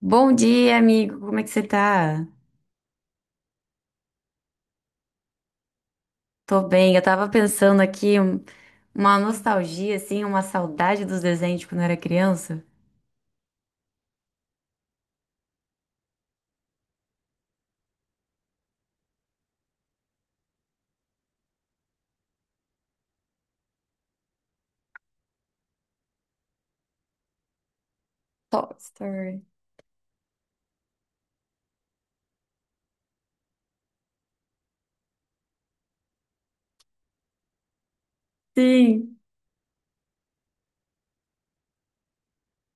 Bom dia, amigo. Como é que você tá? Tô bem. Eu tava pensando aqui uma nostalgia, assim, uma saudade dos desenhos de quando eu era criança. Toy Story. Sim.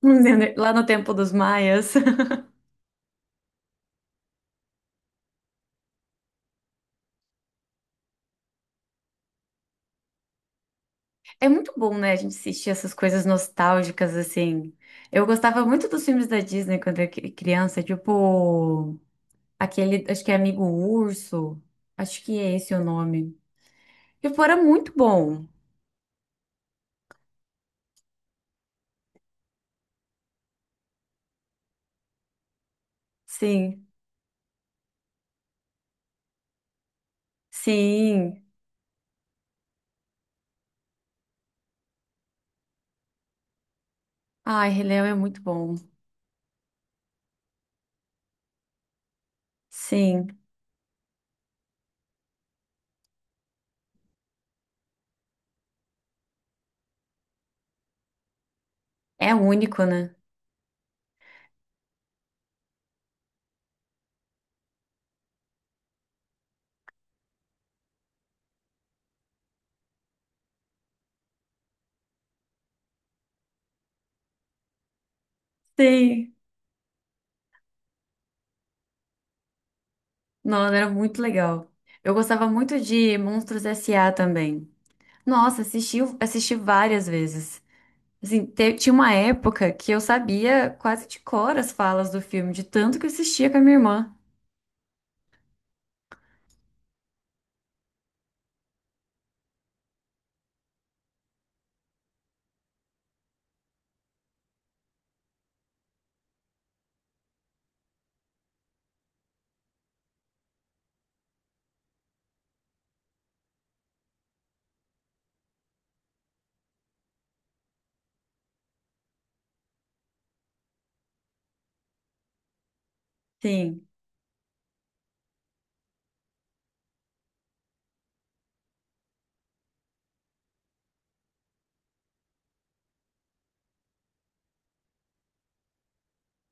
Lá no tempo dos maias. É muito bom, né? A gente assistir essas coisas nostálgicas, assim. Eu gostava muito dos filmes da Disney quando eu era criança, tipo aquele, acho que é Amigo Urso. Acho que é esse o nome. Tipo, era muito bom. Sim, sim. Ai, Rei Leão é muito bom. Sim, é único, né? Sim. Nossa, era muito legal. Eu gostava muito de Monstros S.A. também. Nossa, assisti, assisti várias vezes. Assim, tinha uma época que eu sabia quase de cor as falas do filme, de tanto que eu assistia com a minha irmã. Sim,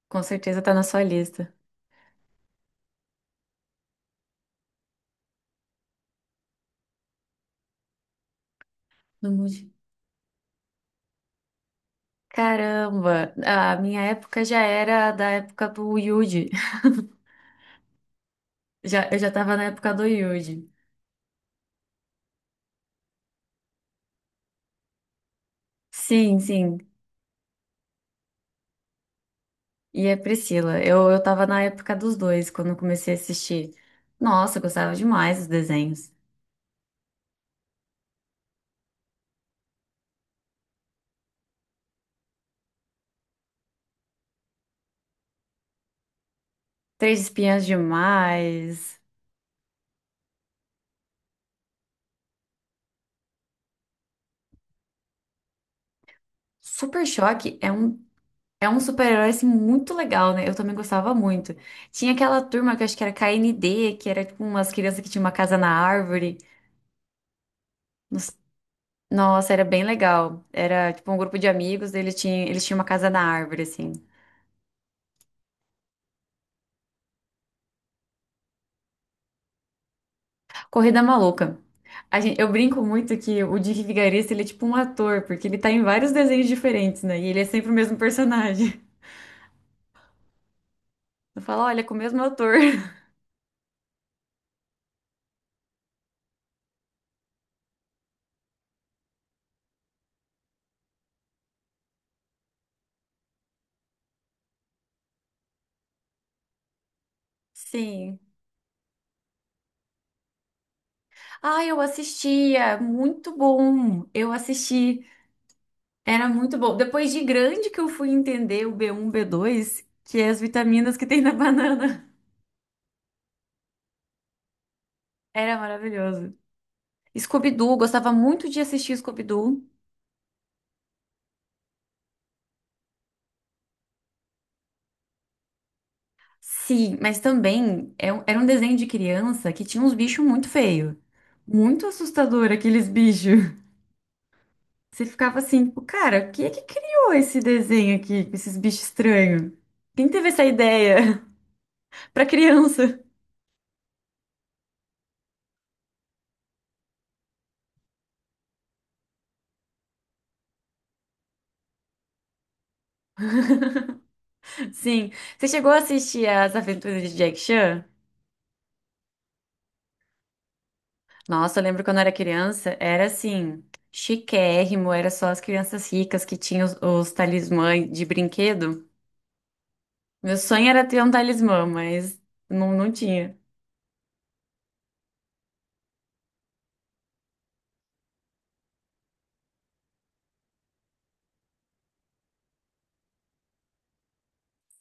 com certeza tá na sua lista. No Mude. Caramba, a minha época já era da época do Yuji. Já, eu já tava na época do Yuji. Sim, sim. E a Priscila. Eu tava na época dos dois, quando eu comecei a assistir. Nossa, eu gostava demais dos desenhos. Três Espiãs Demais. Super Choque é um super-herói assim, muito legal, né? Eu também gostava muito. Tinha aquela turma que eu acho que era K N D que era tipo umas crianças que tinham uma casa na árvore. Nos- Nossa, era bem legal. Era tipo um grupo de amigos, eles tinham uma casa na árvore, assim. Corrida Maluca. A gente, eu brinco muito que o Dick Vigarista, ele é tipo um ator, porque ele tá em vários desenhos diferentes, né? E ele é sempre o mesmo personagem. Eu falo, olha, é com o mesmo ator. Sim. Ah, eu assistia. Muito bom. Eu assisti. Era muito bom. Depois de grande que eu fui entender o b um, b dois, que é as vitaminas que tem na banana. Era maravilhoso. Scooby-Doo, gostava muito de assistir Scooby-Doo. Sim, mas também era um desenho de criança que tinha uns bichos muito feios. Muito assustador aqueles bichos. Você ficava assim, tipo, cara, quem é que criou esse desenho aqui, com esses bichos estranhos? Quem teve essa ideia? Pra criança. Sim. Você chegou a assistir As Aventuras de Jack Chan? Nossa, eu lembro quando eu era criança, era assim, chiquérrimo, era só as crianças ricas que tinham os talismãs de brinquedo. Meu sonho era ter um talismã, mas não tinha.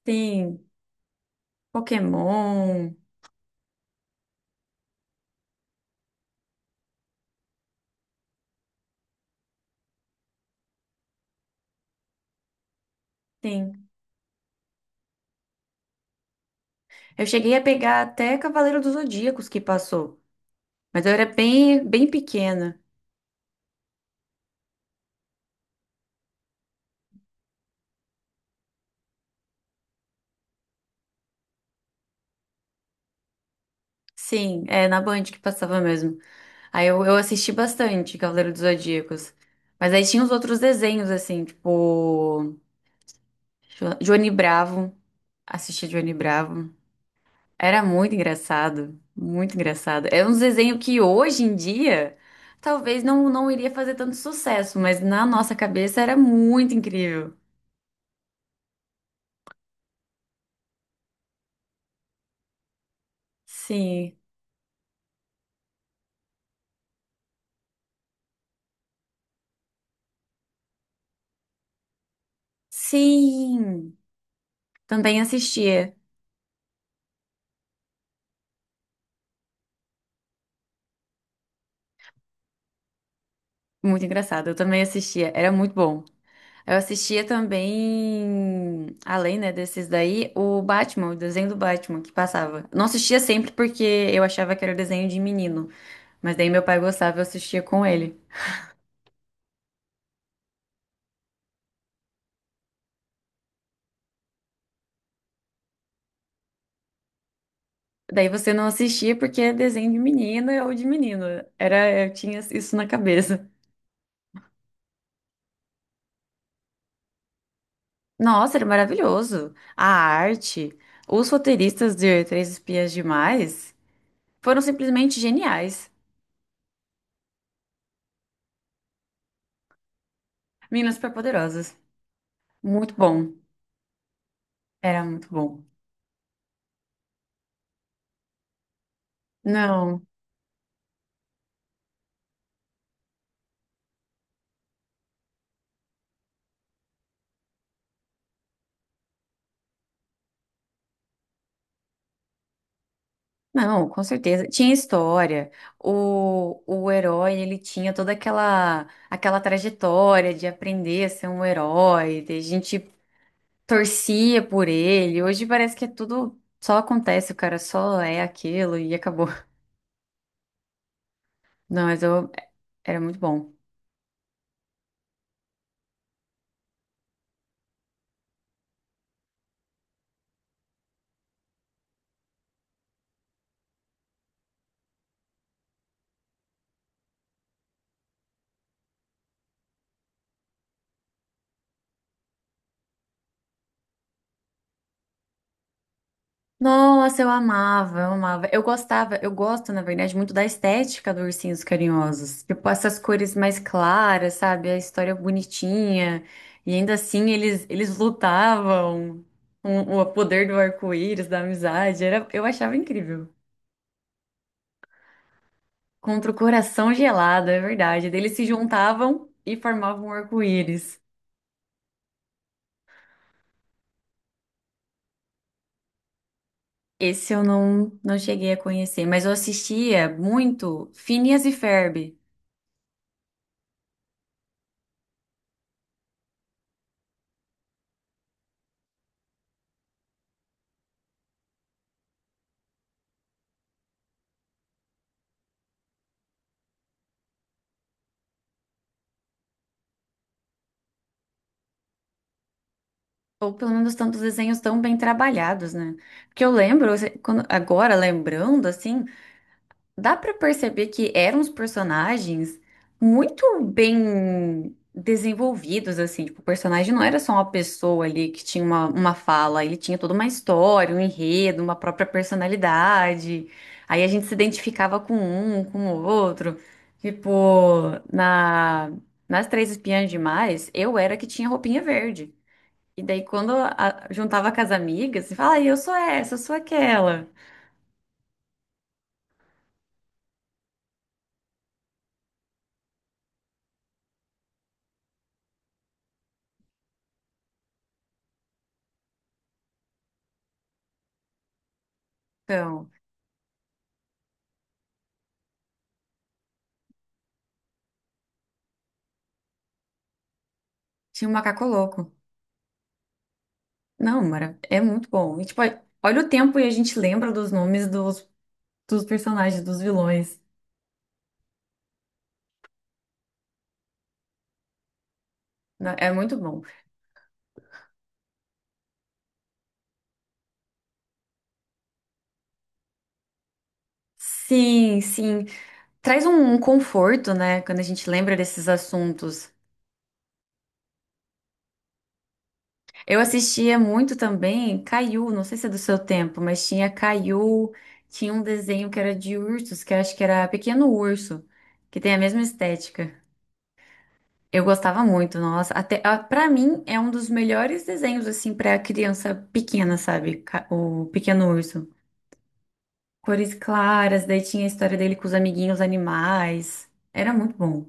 Sim. Pokémon, sim. Eu cheguei a pegar até Cavaleiro dos Zodíacos que passou, mas eu era bem, bem pequena. Sim, é na Band que passava mesmo. Aí eu assisti bastante Cavaleiro dos Zodíacos. Mas aí tinha os outros desenhos, assim, tipo. Johnny Bravo. Assisti Johnny Bravo. Era muito engraçado. Muito engraçado. É um desenho que hoje em dia talvez não iria fazer tanto sucesso, mas na nossa cabeça era muito incrível. Sim. Sim, também assistia. Muito engraçado, eu também assistia, era muito bom. Eu assistia também, além, né, desses daí, o Batman, o desenho do Batman que passava. Não assistia sempre porque eu achava que era desenho de menino, mas daí meu pai gostava, eu assistia com ele. Daí você não assistia porque é desenho de menina ou de menino. Era, eu tinha isso na cabeça. Nossa, era maravilhoso. A arte, os roteiristas de Três Espias Demais foram simplesmente geniais. Meninas Superpoderosas. Muito bom. Era muito bom. Não, não, com certeza. Tinha história. O herói, ele tinha toda aquela trajetória de aprender a ser um herói. A gente torcia por ele. Hoje parece que é tudo só acontece, o cara só é aquilo e acabou. Não, mas eu, era muito bom. Nossa, eu amava, eu amava. Eu gostava, eu gosto, na verdade, muito da estética do Ursinhos Carinhosos. Tipo, essas cores mais claras, sabe? A história bonitinha. E ainda assim, eles lutavam com o poder do arco-íris, da amizade. Era, eu achava incrível. Contra o coração gelado, é verdade. Daí eles se juntavam e formavam um arco-íris. Esse eu não cheguei a conhecer, mas eu assistia muito Phineas e Ferb. Ou pelo menos tantos desenhos tão bem trabalhados, né? Porque eu lembro, assim, quando- agora lembrando, assim, dá pra perceber que eram os personagens muito bem desenvolvidos, assim. Tipo, o personagem não era só uma pessoa ali que tinha uma fala, ele tinha toda uma história, um enredo, uma própria personalidade. Aí a gente se identificava com um, com o outro. Tipo, na, nas Três Espiãs Demais, eu era que tinha roupinha verde. E daí, quando juntava com as amigas, você fala, ah, eu sou essa, eu sou aquela. Então, tinha um macaco louco. Não, era, é muito bom. E, tipo, olha o tempo e a gente lembra dos nomes dos, dos personagens, dos vilões. Não, é muito bom. Sim, sim. Traz um conforto, né, quando a gente lembra desses assuntos. Eu assistia muito também Caiu, não sei se é do seu tempo, mas tinha Caiu, tinha um desenho que era de ursos, que eu acho que era Pequeno Urso, que tem a mesma estética. Eu gostava muito, nossa. Até ah, para mim é um dos melhores desenhos assim para criança pequena, sabe? O Pequeno Urso. Cores claras, daí tinha a história dele com os amiguinhos animais. Era muito bom.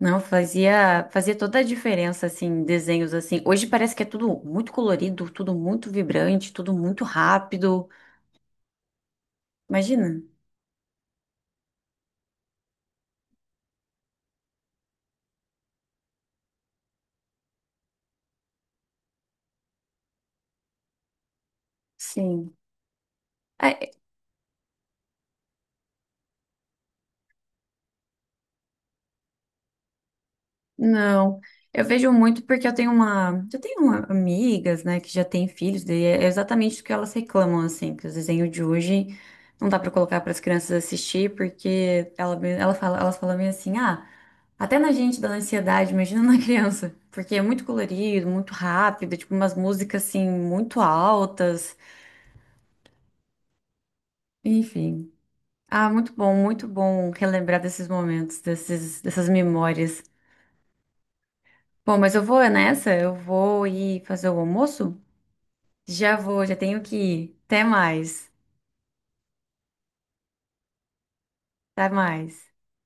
Não, fazia toda a diferença assim, desenhos assim. Hoje parece que é tudo muito colorido, tudo muito vibrante, tudo muito rápido. Imagina? Sim. Não, eu vejo muito porque eu tenho amigas, né, que já têm filhos, daí é exatamente o que elas reclamam, assim, que os desenhos de hoje não dá pra colocar pras crianças assistir, porque ela, ela fala, elas falam meio assim, ah, até na gente dá ansiedade, imagina na criança, porque é muito colorido, muito rápido, tipo umas músicas assim muito altas, enfim. Ah, muito bom relembrar desses momentos, desses, dessas memórias. Bom, mas eu vou nessa, eu vou ir fazer o almoço. Já vou, já tenho que ir. Até mais. Até mais.